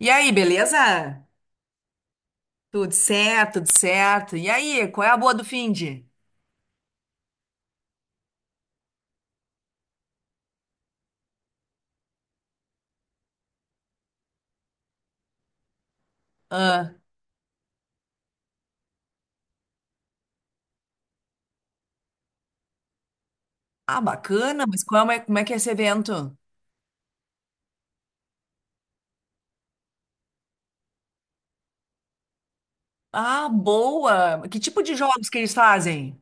E aí, beleza? Tudo certo, tudo certo. E aí, qual é a boa do finde? Ah, ah, bacana, mas qual é, como é que é esse evento? Ah, boa! Que tipo de jogos que eles fazem?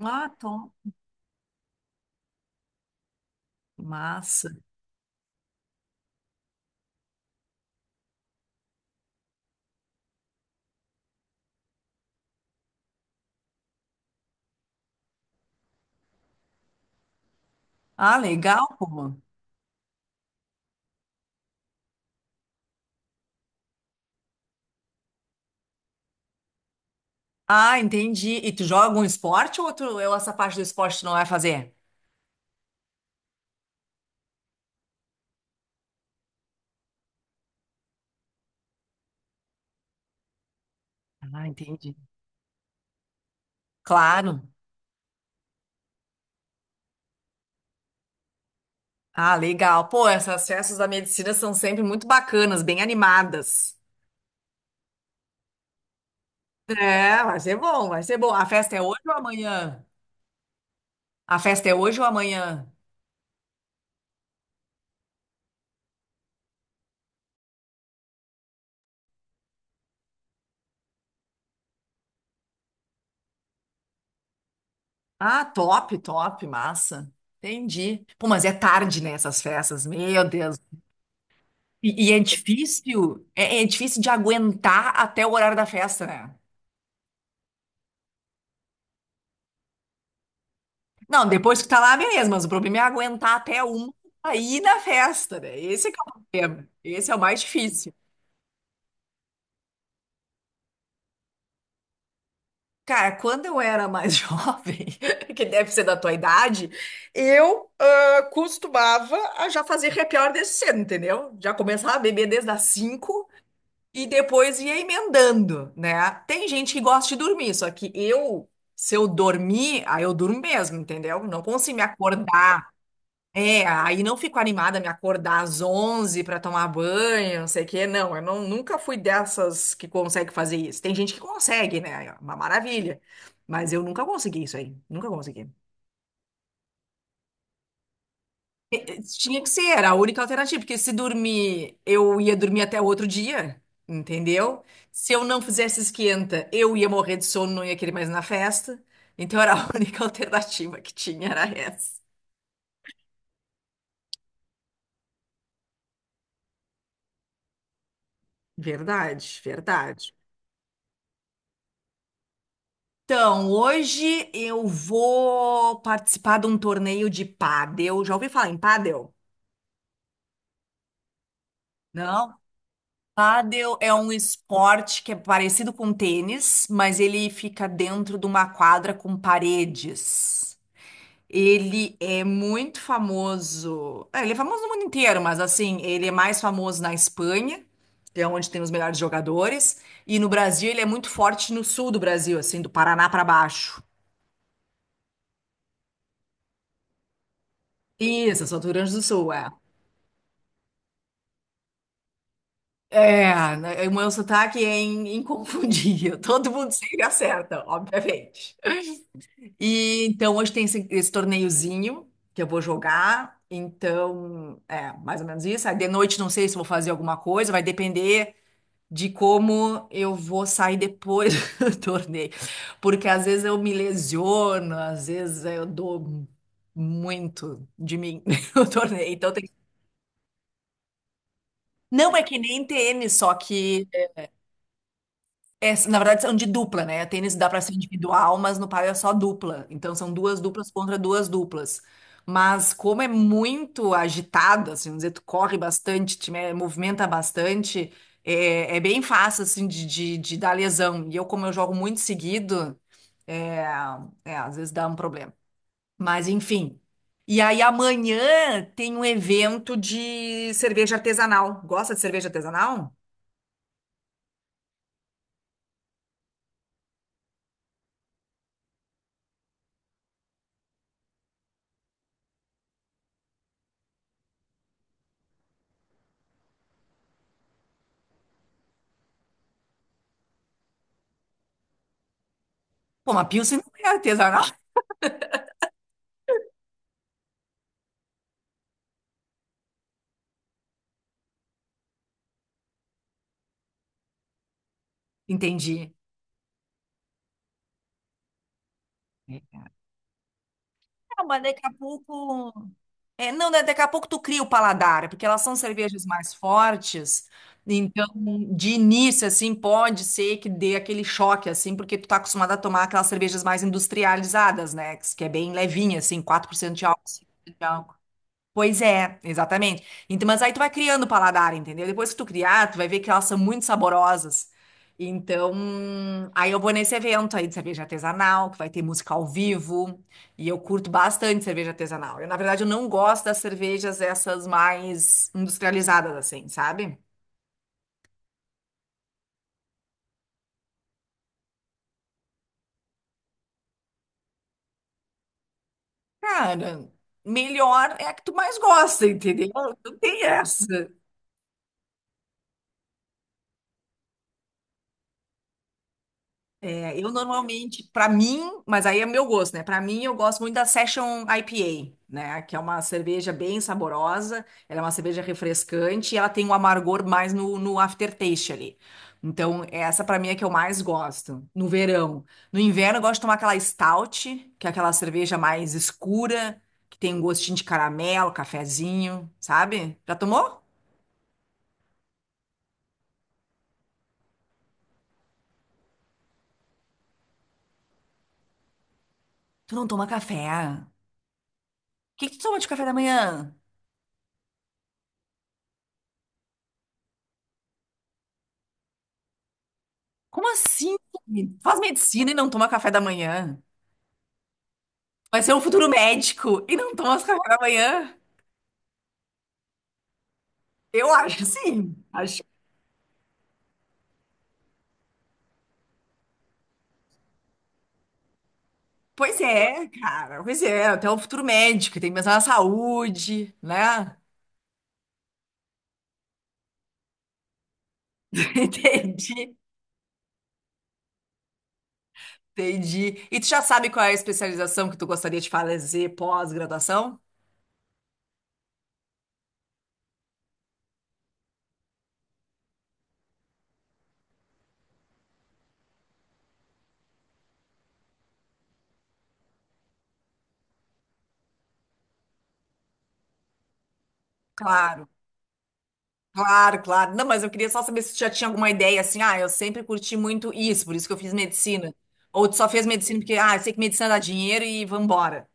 Ah, top. Massa. Ah, legal, pô. Ah, entendi. E tu joga um esporte ou, tu, ou essa parte do esporte tu não vai fazer? Ah, entendi. Claro. Ah, legal. Pô, essas festas da medicina são sempre muito bacanas, bem animadas. É, vai ser bom, vai ser bom. A festa é hoje ou amanhã? A festa é hoje ou amanhã? Ah, top, top, massa. Entendi. Pô, mas é tarde, né, essas festas, meu Deus. E é difícil, é difícil de aguentar até o horário da festa, né? Não, depois que tá lá, beleza, mas o problema é aguentar até uma aí na festa, né? Esse é que é o problema. Esse é o mais difícil. Cara, quando eu era mais jovem, que deve ser da tua idade, eu costumava a já fazer happy hour desde cedo, entendeu? Já começava a beber desde as cinco. E depois ia emendando, né? Tem gente que gosta de dormir, só que eu, se eu dormir, aí eu durmo mesmo, entendeu? Não consigo me acordar. É, aí não fico animada a me acordar às 11 para tomar banho, não sei o quê. Não, eu não, nunca fui dessas que consegue fazer isso. Tem gente que consegue, né? É uma maravilha. Mas eu nunca consegui isso aí. Nunca consegui. Tinha que ser, era a única alternativa, porque se dormir, eu ia dormir até outro dia, entendeu? Se eu não fizesse esquenta, eu ia morrer de sono, não ia querer mais ir na festa. Então era a única alternativa que tinha, era essa. Verdade, verdade. Então, hoje eu vou participar de um torneio de pádel. Já ouvi falar em pádel? Não? Pádel é um esporte que é parecido com tênis, mas ele fica dentro de uma quadra com paredes. Ele é muito famoso. É, ele é famoso no mundo inteiro, mas assim, ele é mais famoso na Espanha, que é onde tem os melhores jogadores, e no Brasil ele é muito forte no sul do Brasil, assim, do Paraná pra baixo. Isso, eu sou do Rio Grande do Sul, é. É, né, o meu sotaque é inconfundível. Todo mundo sempre acerta, obviamente. E então hoje tem esse torneiozinho que eu vou jogar. Então, é, mais ou menos isso. Aí de noite não sei se eu vou fazer alguma coisa, vai depender de como eu vou sair depois do torneio. Porque às vezes eu me lesiono, às vezes eu dou muito de mim no torneio. Então tem. Não é que nem tênis, só que é, na verdade, são de dupla, né? Tênis dá para ser individual, mas no pádel é só dupla. Então, são duas duplas contra duas duplas. Mas como é muito agitado, assim, vamos dizer, tu corre bastante, movimenta bastante, é, é bem fácil, assim, de dar lesão. E eu, como eu jogo muito seguido, é, é, às vezes dá um problema. Mas, enfim. E aí, amanhã tem um evento de cerveja artesanal. Gosta de cerveja artesanal? Pô, uma Pilsen não é artesanal. Entendi. Não, mas daqui a pouco. É, não, né, daqui a pouco tu cria o paladar, é porque elas são cervejas mais fortes. Então, de início, assim, pode ser que dê aquele choque, assim, porque tu tá acostumado a tomar aquelas cervejas mais industrializadas, né? Que é bem levinha, assim, 4% de álcool. Pois é, exatamente. Então, mas aí tu vai criando o paladar, entendeu? Depois que tu criar, tu vai ver que elas são muito saborosas. Então, aí eu vou nesse evento aí de cerveja artesanal, que vai ter música ao vivo, e eu curto bastante cerveja artesanal. Eu, na verdade, eu não gosto das cervejas essas mais industrializadas, assim, sabe? Cara, melhor é a que tu mais gosta, entendeu? Não tem essa. É, eu normalmente, mas aí é meu gosto, né? Pra mim, eu gosto muito da Session IPA, né? Que é uma cerveja bem saborosa, ela é uma cerveja refrescante e ela tem um amargor mais no aftertaste ali. Então, essa pra mim é que eu mais gosto, no verão. No inverno, eu gosto de tomar aquela stout, que é aquela cerveja mais escura, que tem um gostinho de caramelo, cafezinho, sabe? Já tomou? Tu não toma café? O que que tu toma de café da manhã? Como assim? Faz medicina e não toma café da manhã? Vai ser um futuro médico e não toma café da manhã? Eu acho sim. Acho. Pois é, cara. Pois é, até o futuro médico. Tem que pensar na saúde, né? Entendi, entendi. E tu já sabe qual é a especialização que tu gostaria de fazer pós-graduação? Claro, claro, claro. Não, mas eu queria só saber se tu já tinha alguma ideia assim. Ah, eu sempre curti muito isso, por isso que eu fiz medicina. Ou tu só fez medicina porque, ah, eu sei que medicina dá dinheiro e vambora.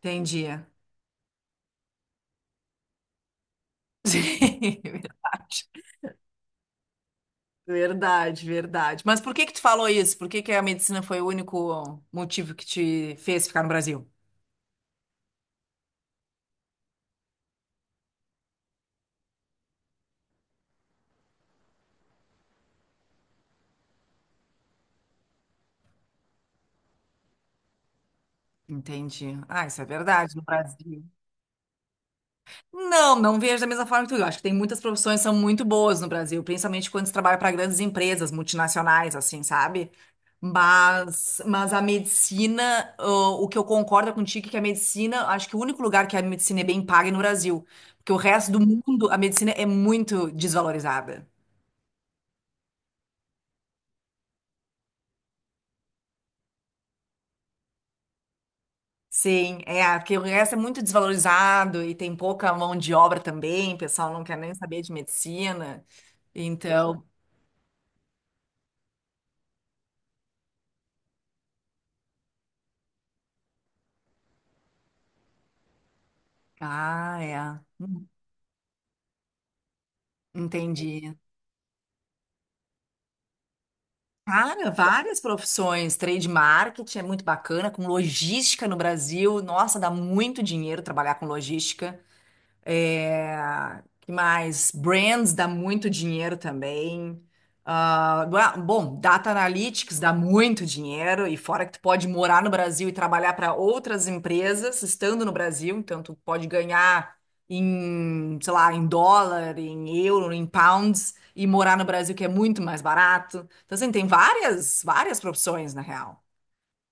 Entendi. Sim, verdade. Verdade, verdade. Mas por que que tu falou isso? Por que que a medicina foi o único motivo que te fez ficar no Brasil? Entendi. Ah, isso é verdade, no Brasil. Não, não vejo da mesma forma que tu. Eu acho que tem muitas profissões que são muito boas no Brasil, principalmente quando se trabalha para grandes empresas multinacionais, assim, sabe? Mas a medicina, o que eu concordo contigo é que a medicina, acho que o único lugar que a medicina é bem paga é no Brasil, porque o resto do mundo a medicina é muito desvalorizada. Sim, é, porque o resto é muito desvalorizado e tem pouca mão de obra também, o pessoal não quer nem saber de medicina. Então, ah, é. Uhum, entendi. Cara, várias profissões, trade marketing é muito bacana, com logística no Brasil, nossa, dá muito dinheiro trabalhar com logística. É, que mais? Brands dá muito dinheiro também. Ah, bom, Data Analytics dá muito dinheiro, e fora que tu pode morar no Brasil e trabalhar para outras empresas estando no Brasil, então tu pode ganhar em, sei lá, em dólar, em euro, em pounds, e morar no Brasil que é muito mais barato. Então, assim, tem várias, várias profissões, na real,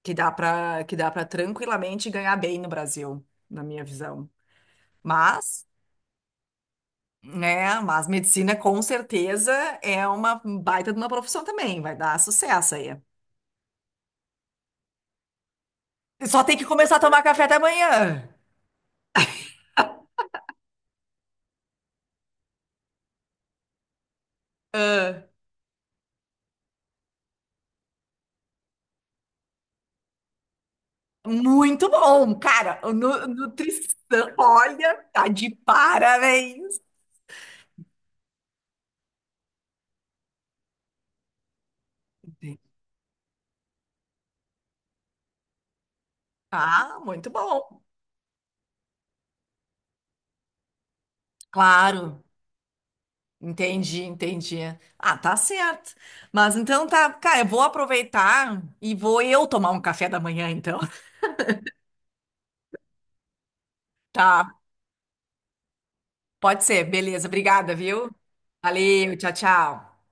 que dá para tranquilamente ganhar bem no Brasil, na minha visão. Mas mas medicina com certeza é uma baita de uma profissão também, vai dar sucesso aí. Só tem que começar a tomar café da manhã. Muito bom, cara. Nutrição, olha, tá de parabéns. Ah, muito bom. Claro, entendi, entendi. Ah, tá certo. Mas então tá, cara, eu vou aproveitar e vou eu tomar um café da manhã, então. Tá, pode ser, beleza. Obrigada, viu? Valeu, tchau, tchau.